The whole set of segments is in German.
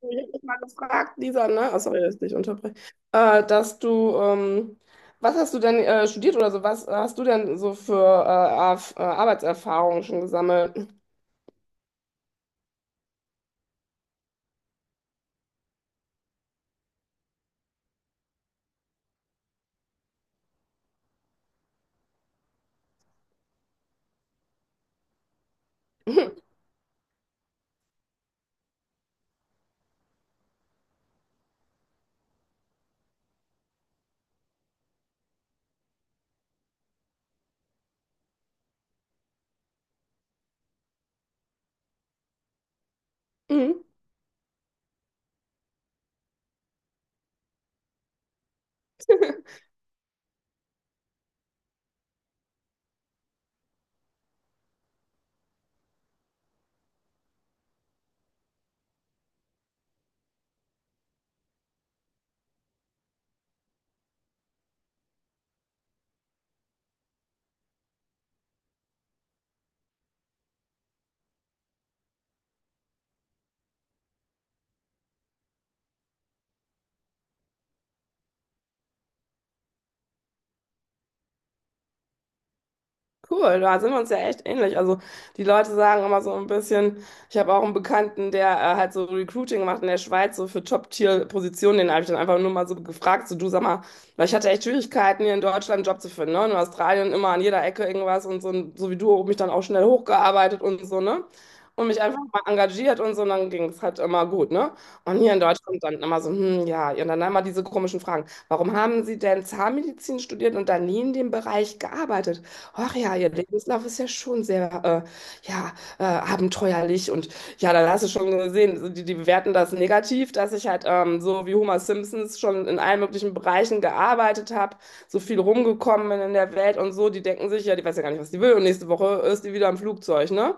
Ich habe dich mal gefragt, Lisa, ne? Oh, sorry, dass ich dich unterbreche. Dass du, was hast du denn studiert oder so? Was hast du denn so für Arbeitserfahrungen schon gesammelt? Mhm. Cool, da sind wir uns ja echt ähnlich. Also die Leute sagen immer so ein bisschen, ich habe auch einen Bekannten, der halt so Recruiting macht in der Schweiz, so für Top-Tier-Positionen, den habe ich dann einfach nur mal so gefragt, so du sag mal, weil ich hatte echt Schwierigkeiten, hier in Deutschland einen Job zu finden, ne? In Australien immer an jeder Ecke irgendwas und so wie du, mich dann auch schnell hochgearbeitet und so, ne? Und mich einfach mal engagiert und so, und dann ging es halt immer gut, ne? Und hier in Deutschland dann immer so, hm, ja, und dann immer diese komischen Fragen. Warum haben Sie denn Zahnmedizin studiert und dann nie in dem Bereich gearbeitet? Ach ja, ihr Lebenslauf ist ja schon sehr ja, abenteuerlich. Und ja, dann hast du schon gesehen, so die bewerten das negativ, dass ich halt so wie Homer Simpsons schon in allen möglichen Bereichen gearbeitet habe, so viel rumgekommen bin in der Welt und so. Die denken sich, ja, die weiß ja gar nicht, was die will. Und nächste Woche ist die wieder im Flugzeug, ne?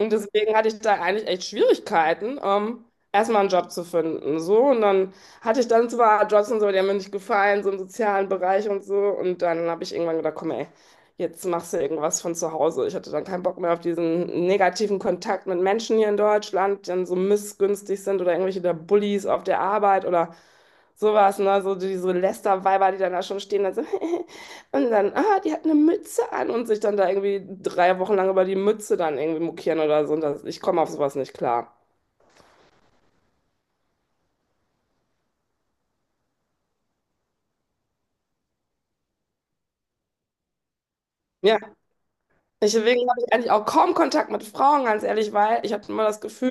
Und deswegen hatte ich da eigentlich echt Schwierigkeiten, erstmal einen Job zu finden. So. Und dann hatte ich dann zwar Jobs und so, die haben mir nicht gefallen, so im sozialen Bereich und so. Und dann habe ich irgendwann gedacht, komm, ey, jetzt machst du irgendwas von zu Hause. Ich hatte dann keinen Bock mehr auf diesen negativen Kontakt mit Menschen hier in Deutschland, die dann so missgünstig sind oder irgendwelche der Bullies auf der Arbeit oder sowas, ne? So diese Lästerweiber, die dann da schon stehen, dann so. Und dann, ah, die hat eine Mütze an und sich dann da irgendwie 3 Wochen lang über die Mütze dann irgendwie mokieren oder so. Und das, ich komme auf sowas nicht klar. Ja, deswegen habe ich eigentlich auch kaum Kontakt mit Frauen, ganz ehrlich, weil ich habe immer das Gefühl,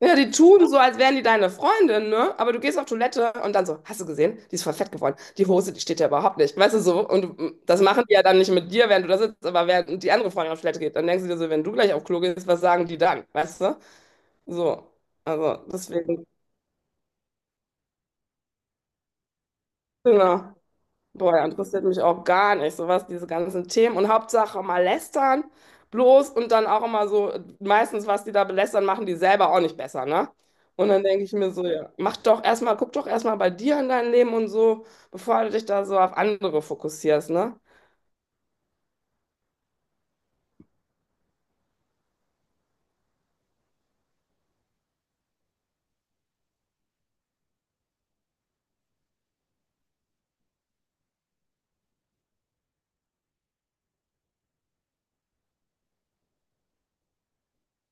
ja, die tun so, als wären die deine Freundin, ne? Aber du gehst auf Toilette und dann so, hast du gesehen? Die ist voll fett geworden. Die Hose, die steht ja überhaupt nicht. Weißt du so? Und du- das machen die ja dann nicht mit dir, während du da sitzt, aber während die andere Freundin auf Toilette geht. Dann denkst du dir so, wenn du gleich auf Klo gehst, was sagen die dann? Weißt du? So. Also, deswegen, genau. Boah, ja, interessiert mich auch gar nicht, sowas, diese ganzen Themen. Und Hauptsache mal lästern, bloß und dann auch immer so, meistens, was die da belästern, machen die selber auch nicht besser, ne? Und dann denke ich mir so, ja, mach doch erstmal, guck doch erstmal bei dir in dein Leben und so, bevor du dich da so auf andere fokussierst, ne?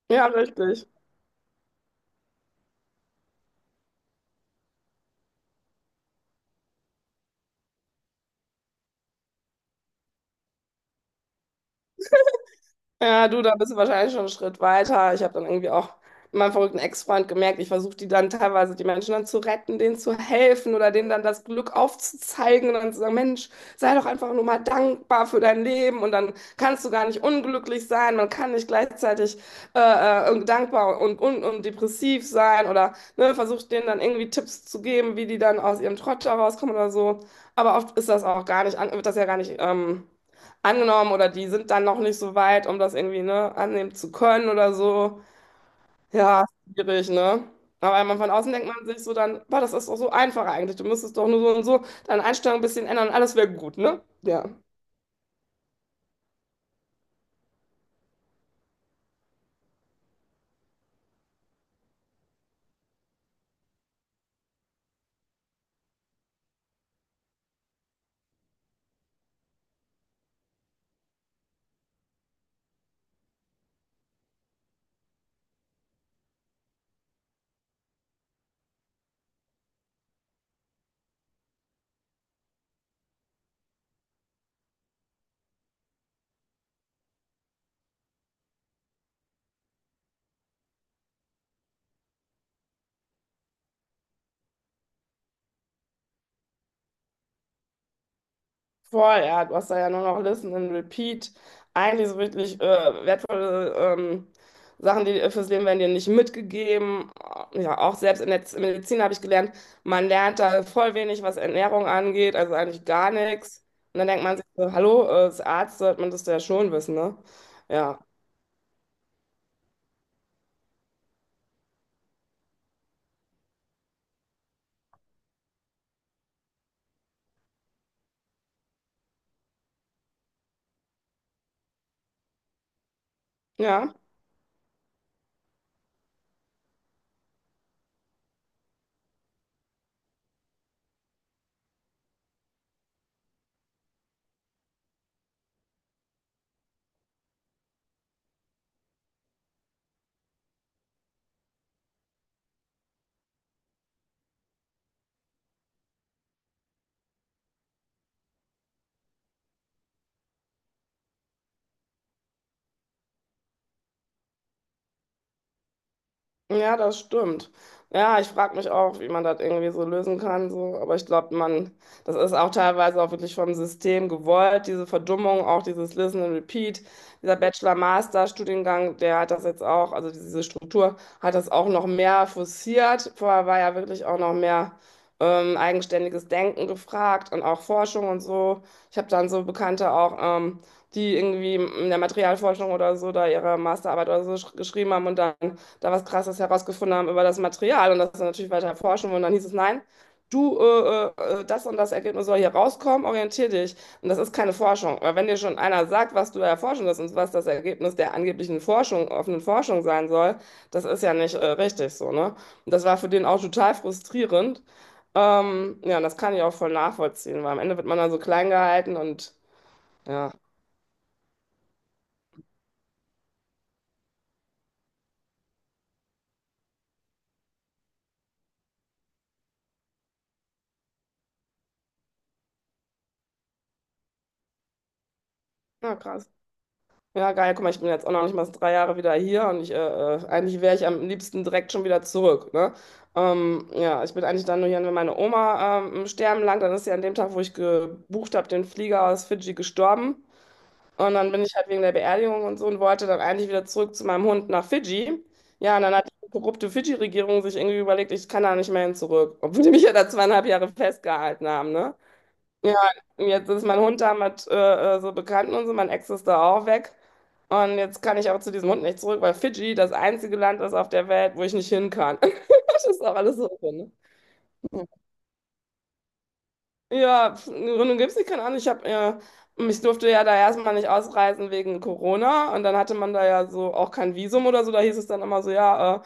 Ja, richtig. Ja, du, da bist du wahrscheinlich schon einen Schritt weiter. Ich habe dann irgendwie auch mit meinem verrückten Ex-Freund gemerkt, ich versuche die dann teilweise, die Menschen dann zu retten, denen zu helfen oder denen dann das Glück aufzuzeigen und dann zu sagen, Mensch, sei doch einfach nur mal dankbar für dein Leben und dann kannst du gar nicht unglücklich sein, man kann nicht gleichzeitig äh, dankbar und depressiv sein oder ne, versucht denen dann irgendwie Tipps zu geben, wie die dann aus ihrem Trott da rauskommen oder so. Aber oft ist das auch gar nicht, an- wird das ja gar nicht... angenommen oder die sind dann noch nicht so weit, um das irgendwie, ne, annehmen zu können oder so. Ja, schwierig, ne? Aber wenn man von außen denkt man sich so dann, boah, das ist doch so einfach eigentlich. Du müsstest doch nur so und so deine Einstellung ein bisschen ändern und alles wäre gut, ne? Ja. Voll, ja, du hast da ja nur noch Listen and Repeat. Eigentlich so wirklich wertvolle Sachen, die fürs Leben werden dir nicht mitgegeben. Ja, auch selbst in der Medizin habe ich gelernt, man lernt da voll wenig, was Ernährung angeht, also eigentlich gar nichts. Und dann denkt man sich so, hallo, als Arzt sollte man das ja schon wissen, ne? Ja, ja. Ja, das stimmt. Ja, ich frage mich auch, wie man das irgendwie so lösen kann. So. Aber ich glaube, man, das ist auch teilweise auch wirklich vom System gewollt, diese Verdummung, auch dieses Listen and Repeat. Dieser Bachelor-Master-Studiengang, der hat das jetzt auch, also diese Struktur hat das auch noch mehr forciert. Vorher war ja wirklich auch noch mehr eigenständiges Denken gefragt und auch Forschung und so. Ich habe dann so Bekannte auch. Die irgendwie in der Materialforschung oder so da ihre Masterarbeit oder so geschrieben haben und dann da was Krasses herausgefunden haben über das Material und das dann natürlich weiter erforschen. Und dann hieß es, nein, du, das und das Ergebnis soll hier rauskommen, orientier dich. Und das ist keine Forschung. Weil wenn dir schon einer sagt, was du erforschen wirst und was das Ergebnis der angeblichen Forschung, offenen Forschung sein soll, das ist ja nicht richtig so, ne? Und das war für den auch total frustrierend. Ja, und das kann ich auch voll nachvollziehen, weil am Ende wird man dann so klein gehalten und ja, na krass. Ja, geil, guck mal, ich bin jetzt auch noch nicht mal 3 Jahre wieder hier und ich, eigentlich wäre ich am liebsten direkt schon wieder zurück, ne? Ja, ich bin eigentlich dann nur hier, wenn meine Oma im Sterben lag, dann ist sie an dem Tag, wo ich gebucht habe, den Flieger aus Fidschi gestorben. Und dann bin ich halt wegen der Beerdigung und so und wollte dann eigentlich wieder zurück zu meinem Hund nach Fidschi. Ja, und dann hat die korrupte Fidschi-Regierung sich irgendwie überlegt, ich kann da nicht mehr hin zurück, obwohl die mich ja da 2,5 Jahre festgehalten haben, ne? Ja, jetzt ist mein Hund da mit so Bekannten und so, mein Ex ist da auch weg. Und jetzt kann ich auch zu diesem Hund nicht zurück, weil Fidschi das einzige Land ist auf der Welt, wo ich nicht hin kann. Das ist auch alles so. Drin. Ne? Ja, pf, eine Gründung gibt es nicht, keine Ahnung. Ich habe, ich durfte ja da erstmal nicht ausreisen wegen Corona und dann hatte man da ja so auch kein Visum oder so. Da hieß es dann immer so, ja,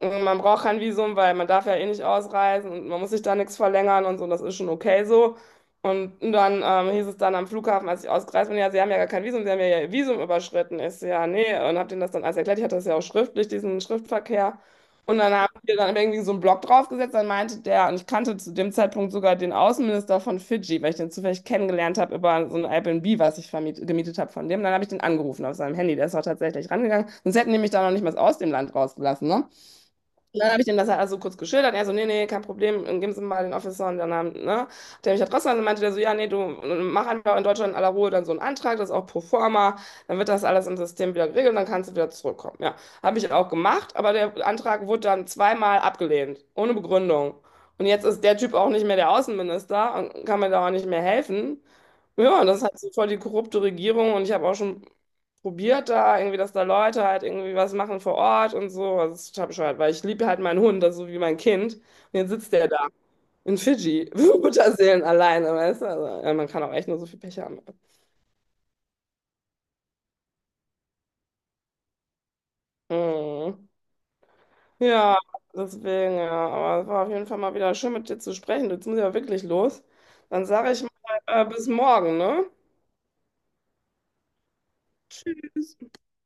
und Man braucht kein Visum, weil man darf ja eh nicht ausreisen und man muss sich da nichts verlängern und so, das ist schon okay so. Und dann hieß es dann am Flughafen, als ich ausgereist bin, ja, Sie haben ja gar kein Visum, Sie haben ja Ihr Visum überschritten. Ich so, ja, nee, und hab denen das dann alles erklärt. Ich hatte das ja auch schriftlich, diesen Schriftverkehr. Und dann haben wir dann irgendwie so einen Block draufgesetzt, dann meinte der, und ich kannte zu dem Zeitpunkt sogar den Außenminister von Fidschi, weil ich den zufällig kennengelernt habe über so ein Airbnb, was ich vermiet, gemietet habe von dem. Dann habe ich den angerufen auf seinem Handy, der ist auch tatsächlich rangegangen. Sonst hätten die mich da noch nicht mal aus dem Land rausgelassen, ne? Und dann habe ich dem das halt also kurz geschildert. Er so, nee, nee, kein Problem, geben Sie mir mal den Officer. Und dann, haben, ne, der mich halt trotzdem und meinte der so, ja, nee, du mach einfach in Deutschland in aller Ruhe dann so einen Antrag, das ist auch pro forma, dann wird das alles im System wieder geregelt und dann kannst du wieder zurückkommen. Ja, habe ich auch gemacht, aber der Antrag wurde dann zweimal abgelehnt, ohne Begründung. Und jetzt ist der Typ auch nicht mehr der Außenminister und kann mir da auch nicht mehr helfen. Ja, und das ist halt so voll die korrupte Regierung und ich habe auch schon probiert da irgendwie, dass da Leute halt irgendwie was machen vor Ort und so. Also das ist total bescheuert, weil ich liebe halt meinen Hund, das ist so wie mein Kind. Und jetzt sitzt der da in Fidschi, Mutterseelen alleine, weißt du? Also, ja, man kann auch echt nur so viel Pech haben. Mhm. Ja, deswegen, ja. Aber es war auf jeden Fall mal wieder schön, mit dir zu sprechen. Jetzt muss ich ja wirklich los. Dann sage ich mal, bis morgen, ne? Tschüss.